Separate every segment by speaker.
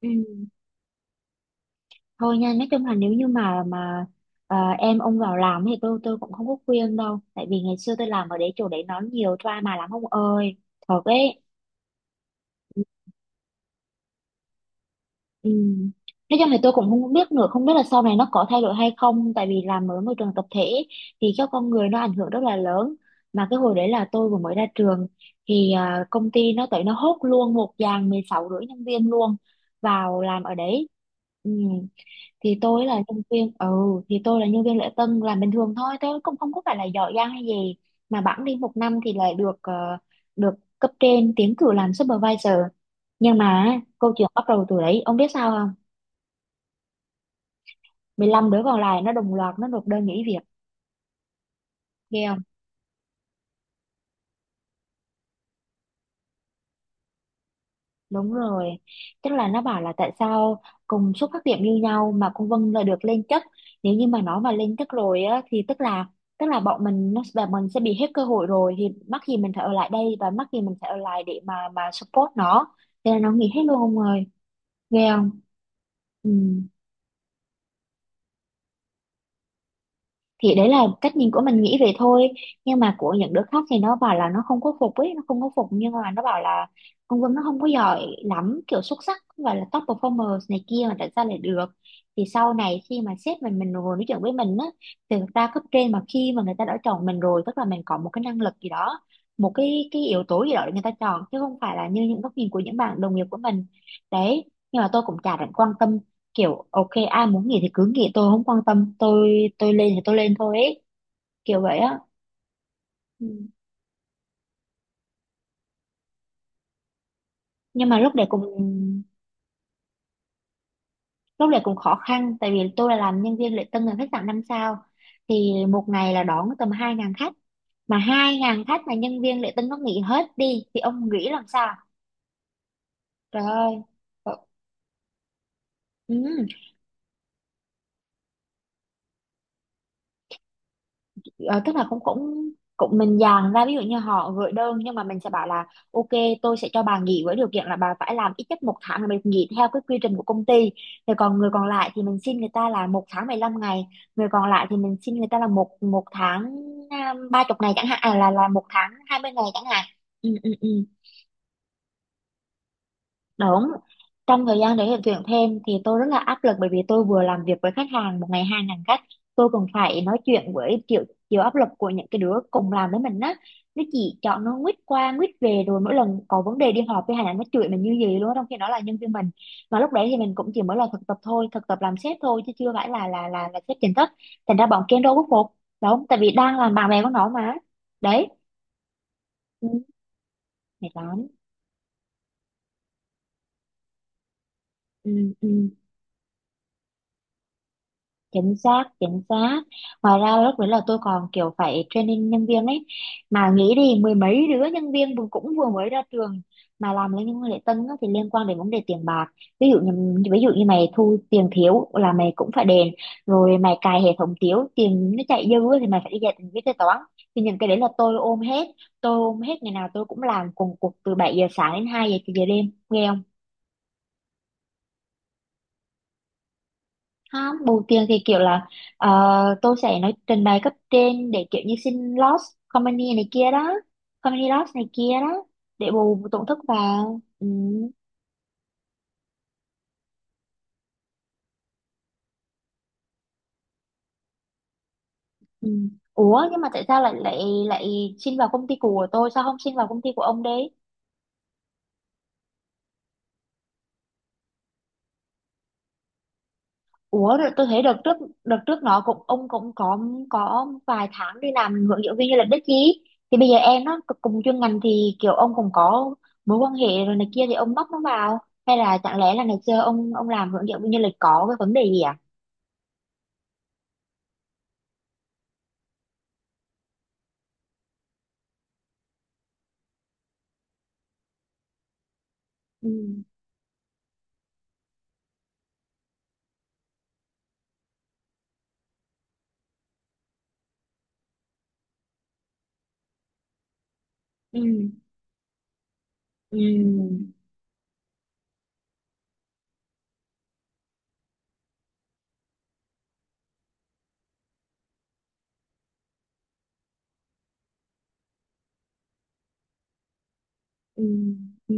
Speaker 1: Ừ. Thôi nha, nói chung là nếu như mà em ông vào làm thì tôi cũng không có khuyên đâu, tại vì ngày xưa tôi làm ở đấy chỗ đấy nó nhiều drama lắm ông ơi, thật ấy. Ừ. Nói chung thì tôi cũng không biết nữa, không biết là sau này nó có thay đổi hay không, tại vì làm ở môi trường tập thể thì các con người nó ảnh hưởng rất là lớn. Mà cái hồi đấy là tôi vừa mới ra trường thì công ty nó tới nó hốt luôn một dàn 16,5 nhân viên luôn vào làm ở đấy. Ừ. thì tôi là nhân viên ừ thì tôi là nhân viên lễ tân làm bình thường thôi, tôi cũng không có phải là giỏi giang hay gì, mà bẵng đi một năm thì lại được cấp trên tiến cử làm supervisor, nhưng mà câu chuyện bắt đầu từ đấy ông biết sao không? 15 đứa còn lại nó đồng loạt nó nộp đơn nghỉ việc. Ghê. Đúng rồi, tức là nó bảo là tại sao cùng xuất phát điểm như nhau mà con Vân là được lên chức. Nếu như mà nó mà lên chức rồi á thì tức là bọn mình nó và mình sẽ bị hết cơ hội rồi, thì mắc gì mình phải ở lại đây, và mắc gì mình phải ở lại để mà support nó. Thế là nó nghỉ hết luôn ông ơi, ghê không? Ừ. Thì đấy là cách nhìn của mình nghĩ về thôi, nhưng mà của những đứa khác thì nó bảo là nó không có phục ấy, nó không có phục nhưng mà nó bảo là ông Vân nó không có giỏi lắm, kiểu xuất sắc, không phải là top performer này kia mà tại sao lại được. Thì sau này khi mà sếp mình ngồi nói chuyện với mình á, thì thực ra cấp trên mà khi mà người ta đã chọn mình rồi tức là mình có một cái năng lực gì đó, một cái yếu tố gì đó để người ta chọn, chứ không phải là như những góc nhìn của những bạn đồng nghiệp của mình đấy. Nhưng mà tôi cũng chả định quan tâm, kiểu ok ai muốn nghỉ thì cứ nghỉ, tôi không quan tâm, tôi lên thì tôi lên thôi ấy, kiểu vậy á. Ừ. Nhưng mà lúc đấy cũng khó khăn, tại vì tôi là làm nhân viên lễ tân ở khách sạn 5 sao thì một ngày là đón tầm 2.000 khách, mà 2.000 khách mà nhân viên lễ tân nó nghỉ hết đi thì ông nghĩ làm sao? Trời ơi. Ờ, ừ. Ờ, tức là cũng cũng cũng mình dàn ra, ví dụ như họ gửi đơn nhưng mà mình sẽ bảo là ok, tôi sẽ cho bà nghỉ với điều kiện là bà phải làm ít nhất một tháng, là mình nghỉ theo cái quy trình của công ty. Thì còn người còn lại thì mình xin người ta là 1 tháng 15 ngày, người còn lại thì mình xin người ta là một một tháng, 30 ngày chẳng hạn, là 1 tháng 20 ngày chẳng hạn. Ừ, ừ, ừ. Đúng. Trong thời gian đấy để tuyển thêm thì tôi rất là áp lực, bởi vì tôi vừa làm việc với khách hàng một ngày 2.000 khách, tôi còn phải nói chuyện với chịu chịu áp lực của những cái đứa cùng làm với mình á. Nó chỉ chọn nó quýt qua quýt về, rồi mỗi lần có vấn đề đi họp với hàng nó chửi mình như gì luôn á, trong khi nó là nhân viên mình. Mà lúc đấy thì mình cũng chỉ mới là thực tập thôi, thực tập làm sếp thôi chứ chưa phải là sếp chính thức. Thành ra bọn kia đâu có phục. Đúng, tại vì đang làm bạn bè của nó mà. Đấy. Ừ, mệt lắm. Ừ, ừ. Chính xác, chính xác. Ngoài ra lúc đấy là tôi còn kiểu phải training nhân viên ấy, mà nghĩ đi mười mấy đứa nhân viên vừa- cũng vừa mới ra trường mà làm lên những lễ tân á thì liên quan đến vấn đề tiền bạc. Ví dụ như mày thu tiền thiếu là mày cũng phải đền, rồi mày cài hệ thống thiếu tiền nó chạy dư á thì mày phải đi dạy tính viết kế toán. Thì những cái đấy là tôi ôm hết, tôi ôm hết, ngày nào tôi cũng làm cùng cuộc từ 7 giờ sáng đến 2 giờ đêm nghe. Không bù tiền thì kiểu là ờ, tôi sẽ nói trình bày cấp trên để kiểu như xin loss company này kia đó, company loss này kia đó để bù tổn thất vào. Ừ, ừ. Ủa nhưng mà tại sao lại lại lại xin vào công ty của tôi, sao không xin vào công ty của ông đi? Ủa rồi tôi thấy đợt trước, đợt trước nó cũng, ông cũng có vài tháng đi làm hướng dẫn viên du lịch đấy chứ, thì bây giờ em nó c- cùng chuyên ngành thì kiểu ông cũng có mối quan hệ rồi này kia thì ông bắt nó vào, hay là chẳng lẽ là ngày xưa ông làm hướng dẫn viên du lịch có cái vấn đề gì à? Ừ, ừ, ừ, ừ, ừ,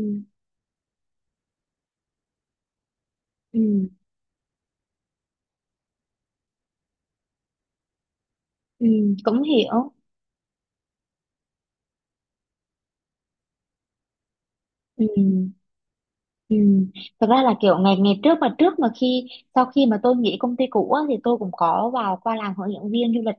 Speaker 1: ừ, ừ. Cũng hiểu. Ừ. Ừ. Thật ra là kiểu ngày ngày trước mà khi sau khi mà tôi nghỉ công ty cũ á, thì tôi cũng có vào qua làm hướng dẫn viên du lịch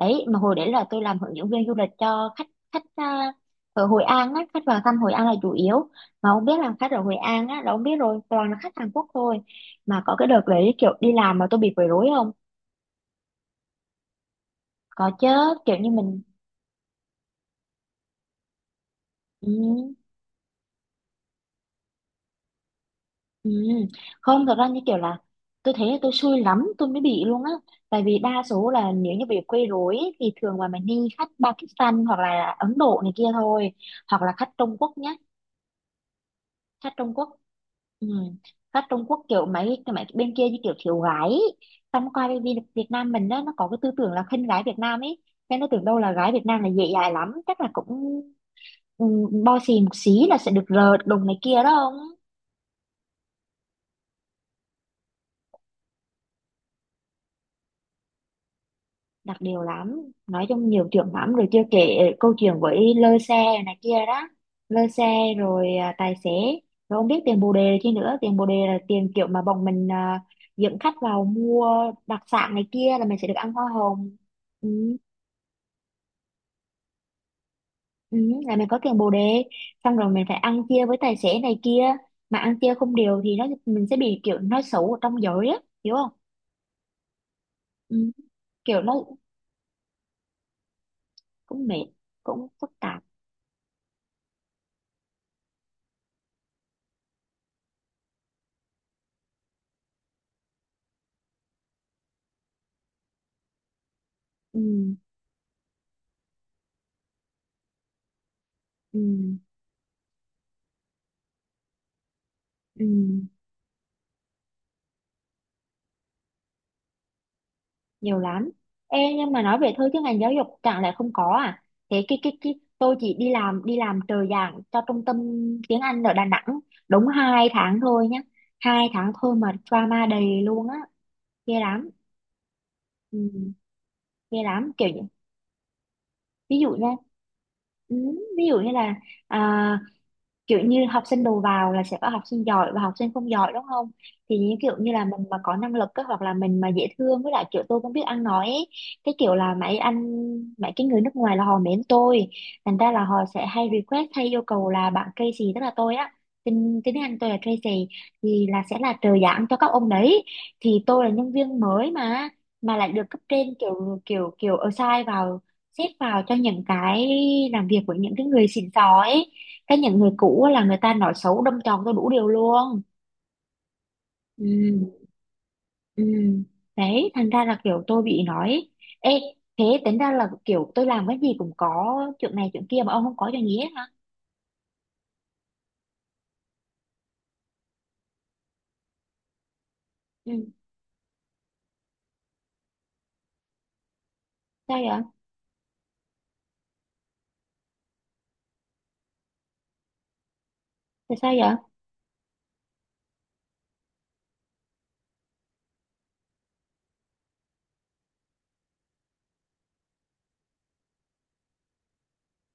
Speaker 1: đấy, mà hồi đấy là tôi làm hướng dẫn viên du lịch cho khách khách ở Hội An á, khách vào thăm Hội An là chủ yếu, mà ông biết là khách ở Hội An á là ông biết rồi, toàn là khách Hàn Quốc thôi. Mà có cái đợt đấy kiểu đi làm mà tôi bị quấy rối không? Có chứ. Kiểu như mình... Ừ. Ừ. Không, thật ra như kiểu là tôi thấy là tôi xui lắm tôi mới bị luôn á, tại vì đa số là nếu như bị quấy rối ấy, thì thường là mình đi khách Pakistan hoặc là Ấn Độ này kia thôi, hoặc là khách Trung Quốc nhé. Khách Trung Quốc. Ừ. Khách Trung Quốc kiểu mấy cái mấy bên kia như kiểu thiếu gái ấy. Xong qua bên Việt Việt Nam mình đó, nó có cái tư tưởng là khinh gái Việt Nam ấy, nên nó tưởng đâu là gái Việt Nam là dễ dãi lắm, chắc là cũng ừ, bo xì một xí là sẽ được rợt đùng này kia đó không. Đặc điều lắm. Nói chung nhiều chuyện lắm, rồi chưa kể câu chuyện với lơ xe này kia đó, lơ xe rồi tài xế, rồi không biết tiền bồ đề chi nữa. Tiền bồ đề là tiền kiểu mà bọn mình dẫn khách vào mua đặc sản này kia là mình sẽ được ăn hoa hồng, ừ, ừ, là mình có tiền bồ đề. Xong rồi mình phải ăn chia với tài xế này kia, mà ăn chia không đều thì nó mình sẽ bị kiểu nói xấu ở trong giới á, hiểu không? Ừ, kiểu nó cũng mệt, cũng phức tạp. Ừ, ừ, ừ. Nhiều lắm. Ê, nhưng mà nói về thôi chứ ngành giáo dục chẳng lẽ không có à? Thế cái tôi chỉ đi làm trợ giảng cho trung tâm tiếng Anh ở Đà Nẵng, đúng 2 tháng thôi nhá, 2 tháng thôi mà drama đầy luôn á. Ghê lắm. Ừ, ghê lắm kiểu như... Ví dụ nha. Ừ, ví dụ như là à, kiểu như học sinh đầu vào là sẽ có học sinh giỏi và học sinh không giỏi đúng không, thì như kiểu như là mình mà có năng lực á, hoặc là mình mà dễ thương với lại kiểu tôi cũng biết ăn nói ấy. Cái kiểu là mấy anh Mấy cái người nước ngoài là họ mến tôi, thành ra là họ sẽ hay request hay yêu cầu là bạn Tracy, tức là tôi á, tên tên tiếng Anh tôi là Tracy, thì là sẽ là trợ giảng cho các ông đấy. Thì tôi là nhân viên mới mà lại được cấp trên kiểu kiểu kiểu assign vào, xếp vào cho những cái làm việc của những cái người xịn sò ấy, cái những người cũ á là người ta nói xấu đâm chọc tôi đủ điều luôn. Ừ, ừ. Đấy thành ra là kiểu tôi bị nói. Ê, thế tính ra là kiểu tôi làm cái gì cũng có chuyện này chuyện kia mà ông không có chuyện gì hết hả? Ừ. Sao vậy? Tại sao vậy?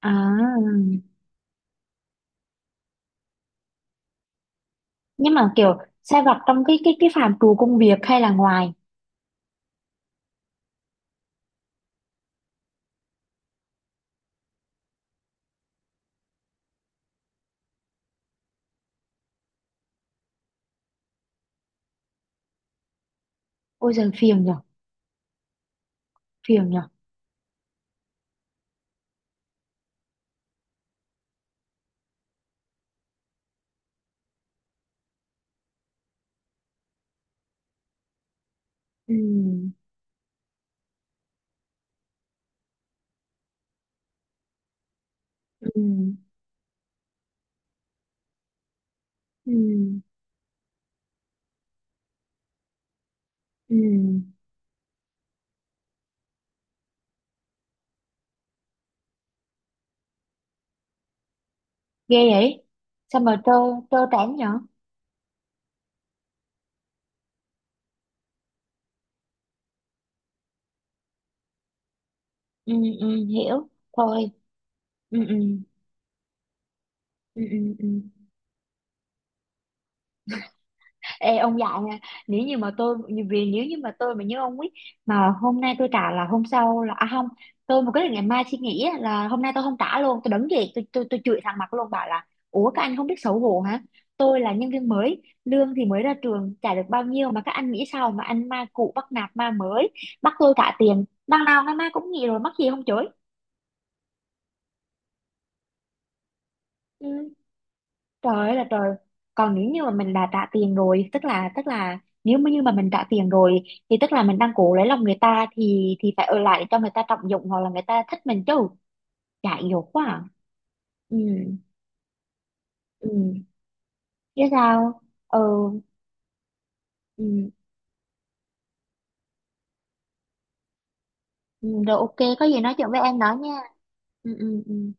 Speaker 1: À, nhưng mà kiểu sai vặt trong cái phạm trù công việc hay là ngoài? Ôi giời, phiền nhở. Phiền nhở. Ừ, ừ, ừ, ừ. Ghê vậy. Sao mà trơ trơ trẽn nhở. Ừ, ừ. Hiểu thôi. Ừ, ừ. Ừ, ừ, ừ. Ê, ông dạy nha. Nếu như mà tôi, vì nếu như mà tôi mà như ông ấy, mà hôm nay tôi trả là hôm sau là à không, tôi mà quyết định ngày mai suy nghĩ á, là hôm nay tôi không trả luôn, tôi đứng dậy tôi chửi thẳng mặt luôn bảo là ủa các anh không biết xấu hổ hả, tôi là nhân viên mới lương thì mới ra trường trả được bao nhiêu mà các anh nghĩ sao mà anh ma cũ bắt nạt ma mới, bắt tôi trả tiền, đằng nào ngày mai cũng nghỉ rồi mắc gì không chửi. Ừ. Trời ơi là trời. Còn nếu như mà mình đã trả tiền rồi, tức là nếu mà như mà mình trả tiền rồi thì tức là mình đang cố lấy lòng người ta, thì phải ở lại để cho người ta trọng dụng hoặc là người ta thích mình chứ. Dại dột quá. À. Ừ. Ừ. Chứ sao? Ừ. Ừ. Ừ, rồi ok, có gì nói chuyện với em đó nha. Ừ, ừ, ừ.